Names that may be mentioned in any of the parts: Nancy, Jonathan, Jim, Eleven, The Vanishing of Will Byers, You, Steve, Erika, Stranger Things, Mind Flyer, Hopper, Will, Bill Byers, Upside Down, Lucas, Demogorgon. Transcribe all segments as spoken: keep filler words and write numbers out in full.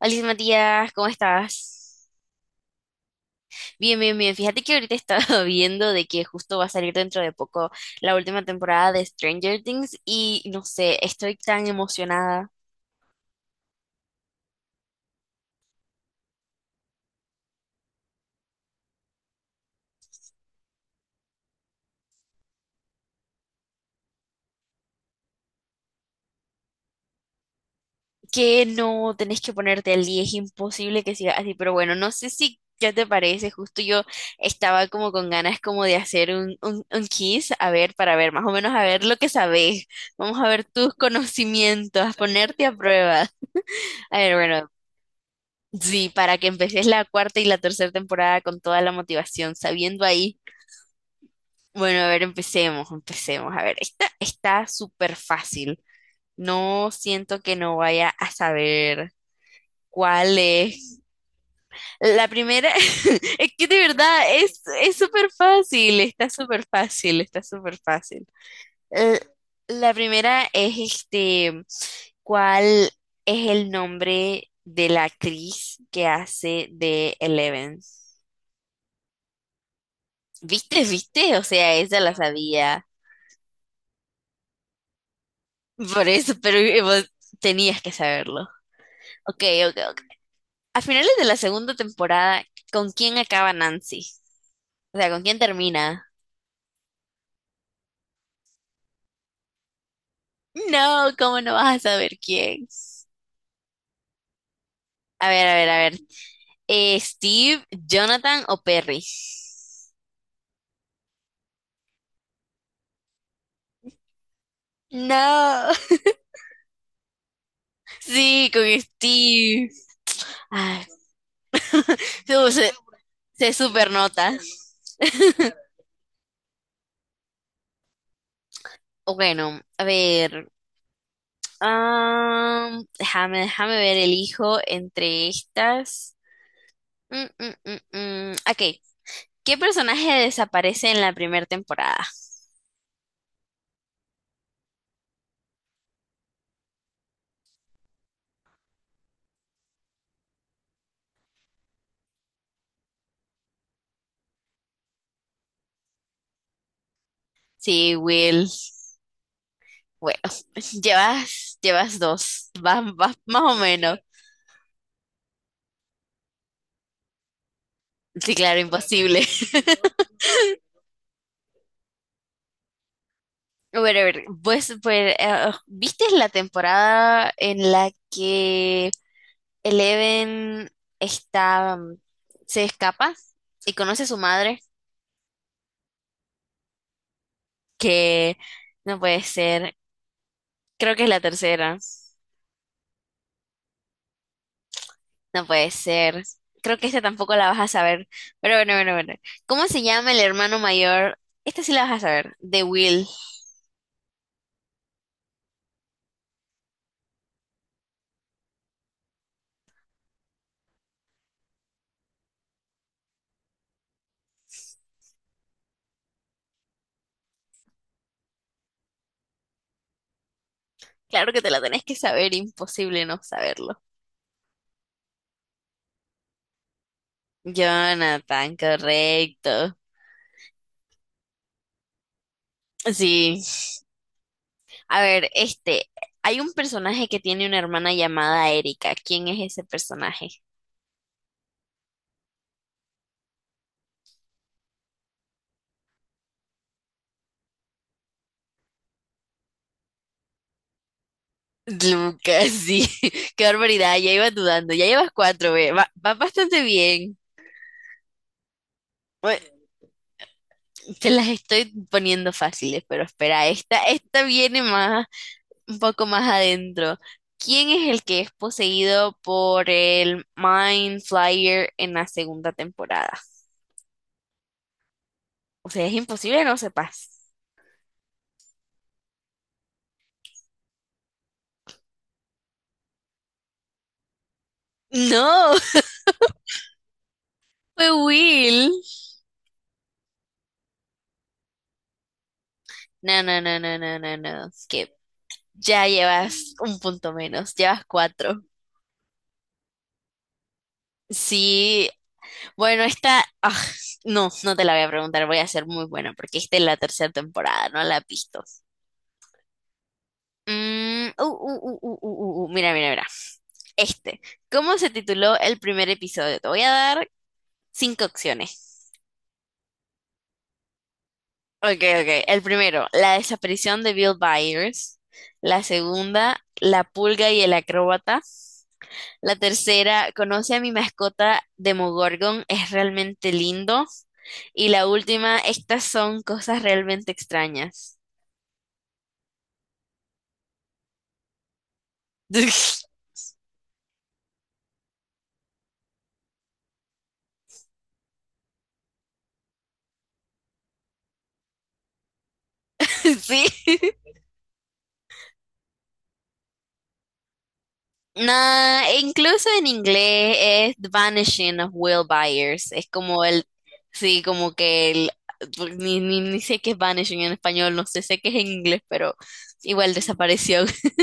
Alice Matías, ¿cómo estás? Bien, bien, bien. Fíjate que ahorita he estado viendo de que justo va a salir dentro de poco la última temporada de Stranger Things y no sé, estoy tan emocionada que no tenés que ponerte al día, es imposible que siga así, pero bueno, no sé si ya te parece, justo yo estaba como con ganas como de hacer un, un, un quiz, a ver, para ver, más o menos a ver lo que sabés, vamos a ver tus conocimientos, a ponerte a prueba. A ver, bueno, sí, para que empeces la cuarta y la tercera temporada con toda la motivación, sabiendo ahí. Bueno, a ver, empecemos, empecemos. A ver, esta está súper fácil. No siento que no vaya a saber cuál es. La primera, es que de verdad es, es súper fácil, está súper fácil, está súper fácil. Eh, La primera es este, ¿cuál es el nombre de la actriz que hace de Eleven? ¿Viste? ¿Viste? O sea, esa la sabía. Por eso, pero eh, vos tenías que saberlo. Ok, ok, ok. A finales de la segunda temporada, ¿con quién acaba Nancy? O sea, ¿con quién termina? No, ¿cómo no vas a saber quién? A ver, a ver, a ver. Eh, ¿Steve, Jonathan o Perry? No. Sí, con Steve. Ay, no, se, se supernota. Bueno, a ver. Am, déjame, déjame ver, elijo entre estas. Mm, mm, mm, mm. Ok, ¿qué personaje desaparece en la primera temporada? Sí, Will. Bueno, llevas, llevas dos. Vas, vas más o menos. Sí, claro, imposible. Bueno, a ver, pues, pues, eh, ¿viste la temporada en la que Eleven está, mm, se escapa y conoce a su madre? Que no puede ser. Creo que es la tercera. No puede ser. Creo que esta tampoco la vas a saber. Pero bueno, bueno, bueno. ¿Cómo se llama el hermano mayor? Esta sí la vas a saber. De Will. Claro que te la tenés que saber. Imposible no saberlo. Jonathan, correcto. Sí. A ver, este. Hay un personaje que tiene una hermana llamada Erika. ¿Quién es ese personaje? Lucas, sí. Qué barbaridad. Ya iba dudando. Ya llevas cuatro, ve. Va, va bastante bien. Bueno, te las estoy poniendo fáciles, pero espera, esta, esta viene más, un poco más adentro. ¿Quién es el que es poseído por el Mind Flyer en la segunda temporada? O sea, es imposible no sepas. No, fue Will. No, no, no, no, no, no, no. Es que ya llevas un punto menos, llevas cuatro. Sí, bueno, esta, ah, no, no te la voy a preguntar, voy a ser muy buena porque esta es la tercera temporada, no la has visto. Mm, uh, uh, uh, uh, uh, uh, uh, Mira, mira, mira. Este. ¿Cómo se tituló el primer episodio? Te voy a dar cinco opciones. Ok, ok. El primero, la desaparición de Bill Byers. La segunda, la pulga y el acróbata. La tercera, conoce a mi mascota Demogorgon, es realmente lindo. Y la última, estas son cosas realmente extrañas. Sí. Nah, incluso en inglés es The Vanishing of Will Byers. Es como el, sí, como que el, pues, ni, ni, ni sé qué es vanishing en español, no sé, sé qué es en inglés, pero igual desapareció.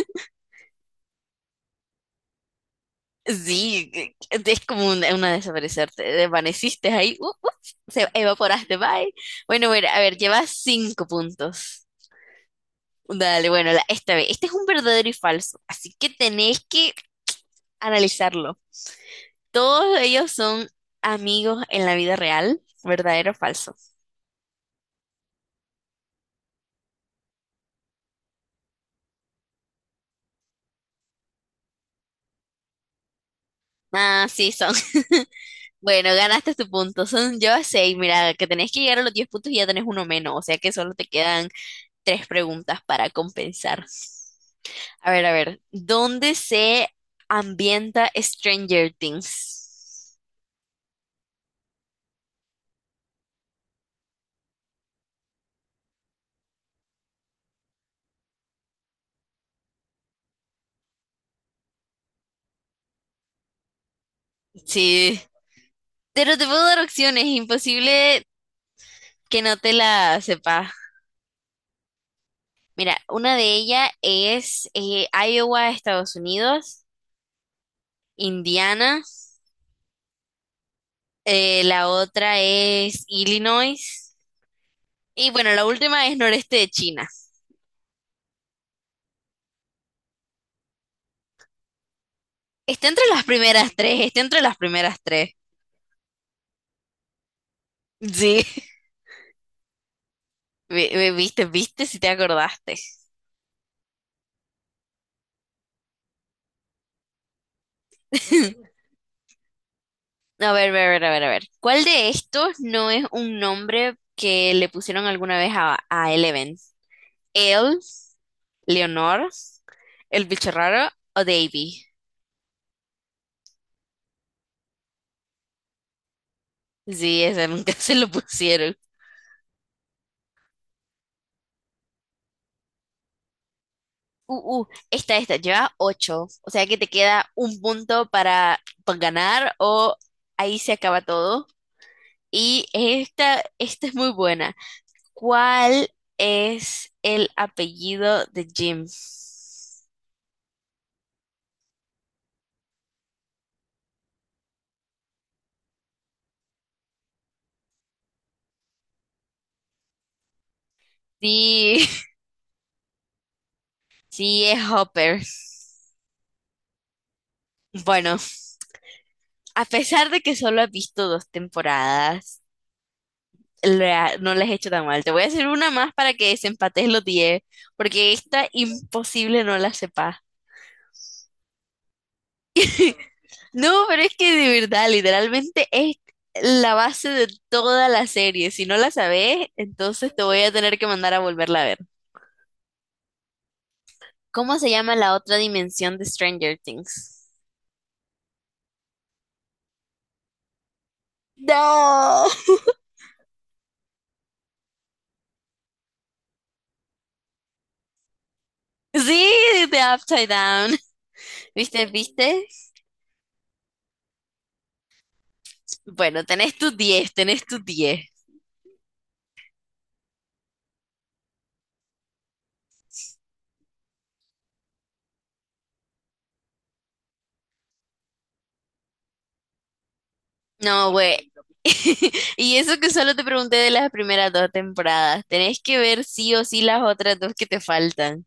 Sí, es como una, una desaparecer, te desvaneciste ahí, uh, uh, se evaporaste, bye. Bueno, bueno, a ver, llevas cinco puntos. Dale, bueno, la- esta vez, este es un verdadero y falso, así que tenés que analizarlo. Todos ellos son amigos en la vida real, verdadero o falso. Ah, sí, son. Bueno, ganaste tu punto. Son yo a seis. Mira, que tenés que llegar a los diez puntos y ya tenés uno menos. O sea que solo te quedan tres preguntas para compensar. A ver, a ver. ¿Dónde se ambienta Stranger Things? Sí. Pero te puedo dar opciones. Imposible que no te la sepas. Mira, una de ellas es eh, Iowa, Estados Unidos. Indiana, eh, la otra es Illinois y bueno, la última es noreste de China. Está entre las primeras tres, está entre las primeras tres. Sí, Vi- vi- viste, viste si te acordaste. A ver, a ver, a ver, a ver. ¿Cuál de estos no es un nombre que le pusieron alguna vez a, a Eleven? El, Leonor, ¿el bicho raro o Davy? Sí, ese nunca se lo pusieron. Uh, uh, esta, esta, lleva ocho. O sea que te queda un punto para, para ganar o ahí se acaba todo. Y esta, esta es muy buena. ¿Cuál es el apellido de Jim? Sí, sí, es Hopper. Bueno, a pesar de que solo has visto dos temporadas, la- no la he hecho tan mal. Te voy a hacer una más para que desempates los diez porque esta imposible no la sepas. No, pero es que de verdad, literalmente es la base de toda la serie. Si no la sabes, entonces te voy a tener que mandar a volverla a ver. ¿Cómo se llama la otra dimensión de Stranger Things? No. Sí, de Upside Down. ¿Viste? ¿Viste? Bueno, tenés tus diez, tenés tus diez. No, güey. Y eso que solo te pregunté de las primeras dos temporadas. Tenés que ver sí o sí las otras dos que te faltan.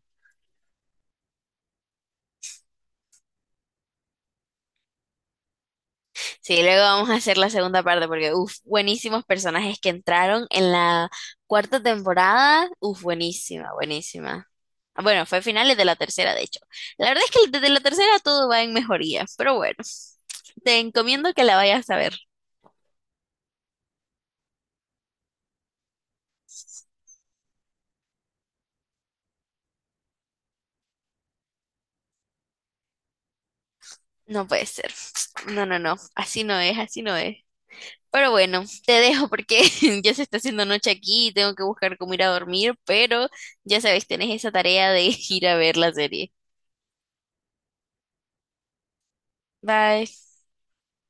Sí, luego vamos a hacer la segunda parte porque, uff, buenísimos personajes que entraron en la cuarta temporada. Uff, buenísima, buenísima. Ah, bueno, fue finales de la tercera, de hecho. La verdad es que desde la tercera todo va en mejoría, pero bueno, te encomiendo que la vayas a ver. No puede ser. No, no, no, así no es, así no es. Pero bueno, te dejo porque ya se está haciendo noche aquí y tengo que buscar cómo ir a dormir, pero ya sabes, tenés esa tarea de ir a ver la serie. Bye.